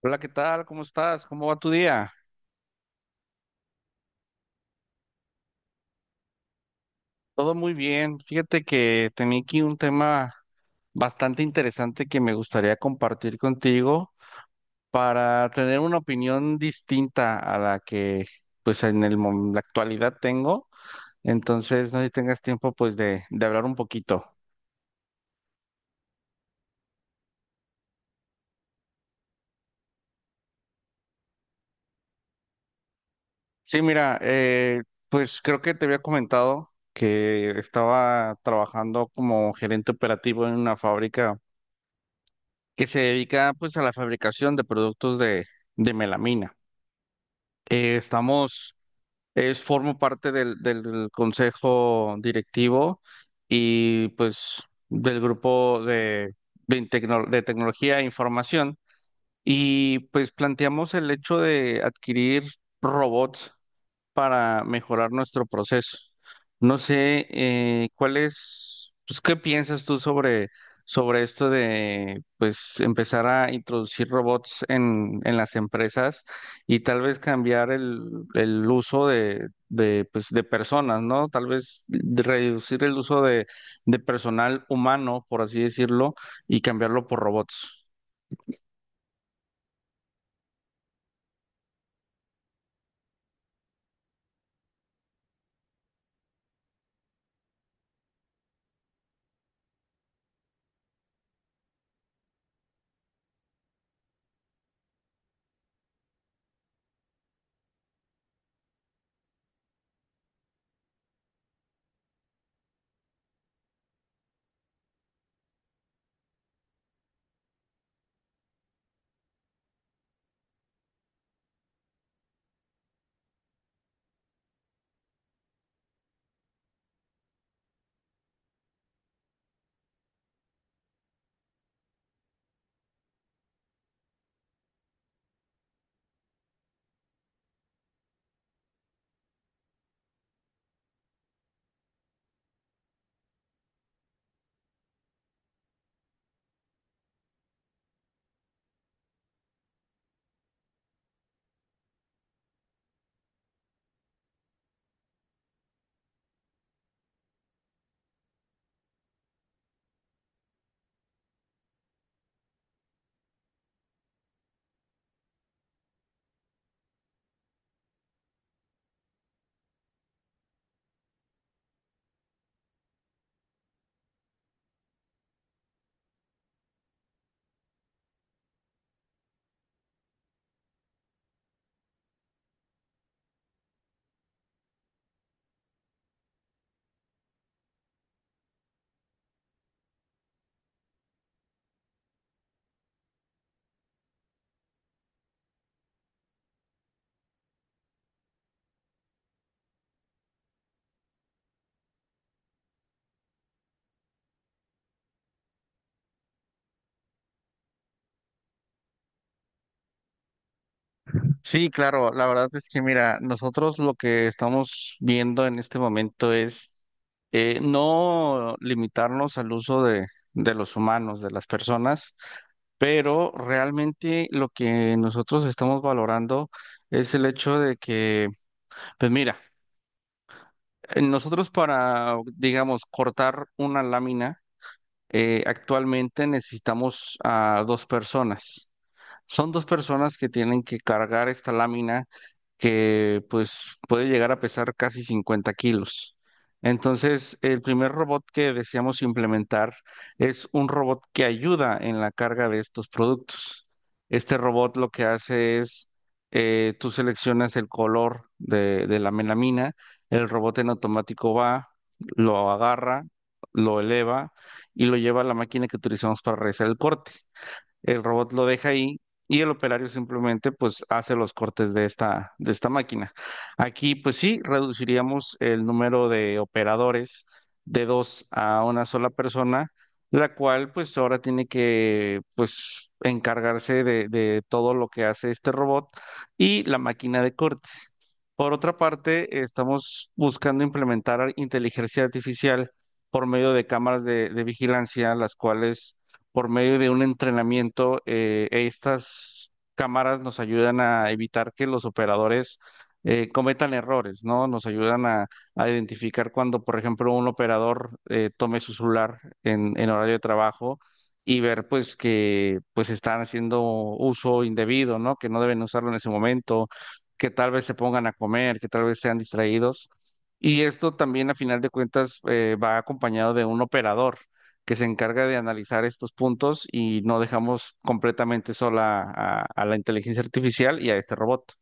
Hola, ¿qué tal? ¿Cómo estás? ¿Cómo va tu día? Todo muy bien. Fíjate que tenía aquí un tema bastante interesante que me gustaría compartir contigo para tener una opinión distinta a la que pues en la actualidad tengo. Entonces, no sé si tengas tiempo pues de hablar un poquito. Sí, mira, pues creo que te había comentado que estaba trabajando como gerente operativo en una fábrica que se dedica pues a la fabricación de productos de melamina. Eh, estamos, formo parte del consejo directivo y pues del grupo de tecnología e información y pues planteamos el hecho de adquirir robots para mejorar nuestro proceso. No sé, pues, ¿qué piensas tú sobre esto de, pues, empezar a introducir robots en las empresas y tal vez cambiar el uso pues, de personas, ¿no? Tal vez de reducir el uso de personal humano, por así decirlo, y cambiarlo por robots. Sí, claro, la verdad es que mira, nosotros lo que estamos viendo en este momento es no limitarnos al uso de los humanos, de las personas, pero realmente lo que nosotros estamos valorando es el hecho de que, pues mira, nosotros para, digamos, cortar una lámina, actualmente necesitamos a dos personas. Son dos personas que tienen que cargar esta lámina que pues puede llegar a pesar casi 50 kilos. Entonces, el primer robot que deseamos implementar es un robot que ayuda en la carga de estos productos. Este robot lo que hace es, tú seleccionas el color de la melamina, el robot en automático va, lo agarra, lo eleva y lo lleva a la máquina que utilizamos para realizar el corte. El robot lo deja ahí y el operario simplemente pues hace los cortes de esta máquina. Aquí pues sí, reduciríamos el número de operadores de dos a una sola persona, la cual pues ahora tiene que pues encargarse de todo lo que hace este robot y la máquina de corte. Por otra parte, estamos buscando implementar inteligencia artificial por medio de cámaras de vigilancia, las cuales por medio de un entrenamiento, estas cámaras nos ayudan a evitar que los operadores cometan errores, ¿no? Nos ayudan a identificar cuando, por ejemplo, un operador tome su celular en horario de trabajo y ver, pues, que pues están haciendo uso indebido, ¿no? Que no deben usarlo en ese momento, que tal vez se pongan a comer, que tal vez sean distraídos. Y esto también, a final de cuentas, va acompañado de un operador que se encarga de analizar estos puntos y no dejamos completamente sola a la inteligencia artificial y a este robot.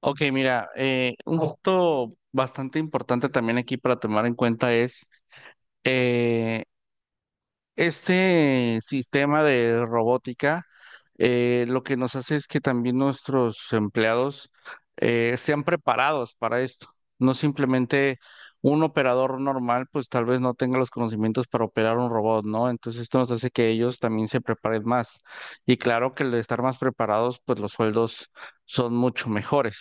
Ok, mira, un punto bastante importante también aquí para tomar en cuenta es eh, este sistema de robótica, lo que nos hace es que también nuestros empleados sean preparados para esto. No simplemente un operador normal, pues tal vez no tenga los conocimientos para operar un robot, ¿no? Entonces esto nos hace que ellos también se preparen más. Y claro que al estar más preparados, pues los sueldos son mucho mejores.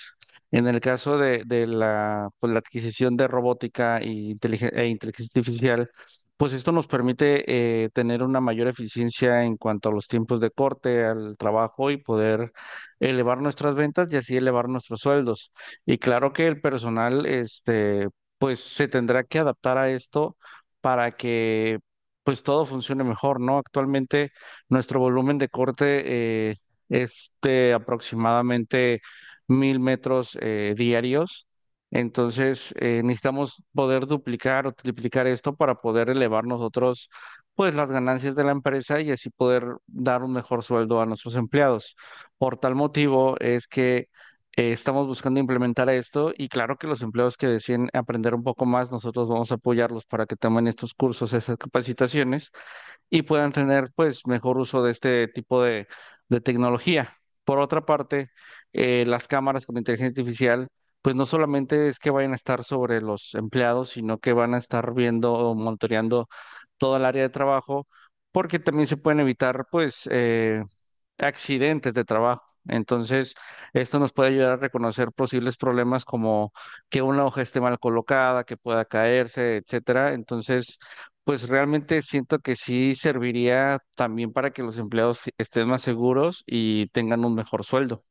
En el caso de la, pues, la adquisición de robótica y e inteligencia artificial, pues esto nos permite tener una mayor eficiencia en cuanto a los tiempos de corte, al trabajo y poder elevar nuestras ventas y así elevar nuestros sueldos. Y claro que el personal, este, pues se tendrá que adaptar a esto para que pues todo funcione mejor, ¿no? Actualmente nuestro volumen de corte es de aproximadamente 1000 metros diarios. Entonces, necesitamos poder duplicar o triplicar esto para poder elevar nosotros, pues, las ganancias de la empresa y así poder dar un mejor sueldo a nuestros empleados. Por tal motivo es que estamos buscando implementar esto y claro que los empleados que deciden aprender un poco más, nosotros vamos a apoyarlos para que tomen estos cursos, esas capacitaciones y puedan tener pues mejor uso de este tipo de tecnología. Por otra parte, las cámaras con inteligencia artificial, pues no solamente es que vayan a estar sobre los empleados, sino que van a estar viendo o monitoreando todo el área de trabajo, porque también se pueden evitar pues accidentes de trabajo. Entonces, esto nos puede ayudar a reconocer posibles problemas como que una hoja esté mal colocada, que pueda caerse, etcétera. Entonces, pues realmente siento que sí serviría también para que los empleados estén más seguros y tengan un mejor sueldo.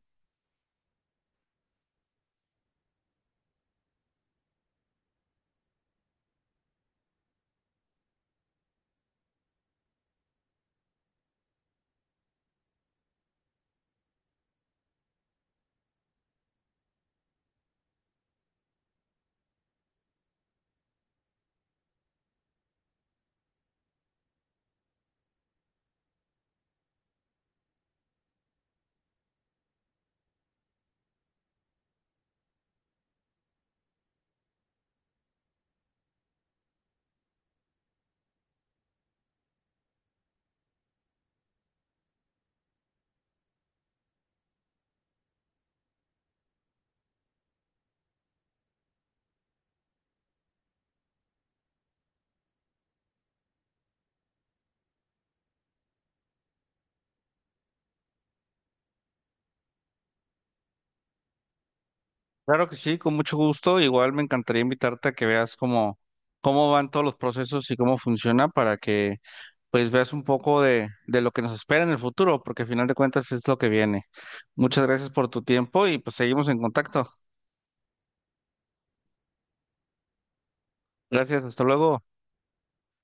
Claro que sí, con mucho gusto. Igual me encantaría invitarte a que veas cómo van todos los procesos y cómo funciona para que pues veas un poco de lo que nos espera en el futuro, porque al final de cuentas es lo que viene. Muchas gracias por tu tiempo y pues seguimos en contacto. Gracias, hasta luego.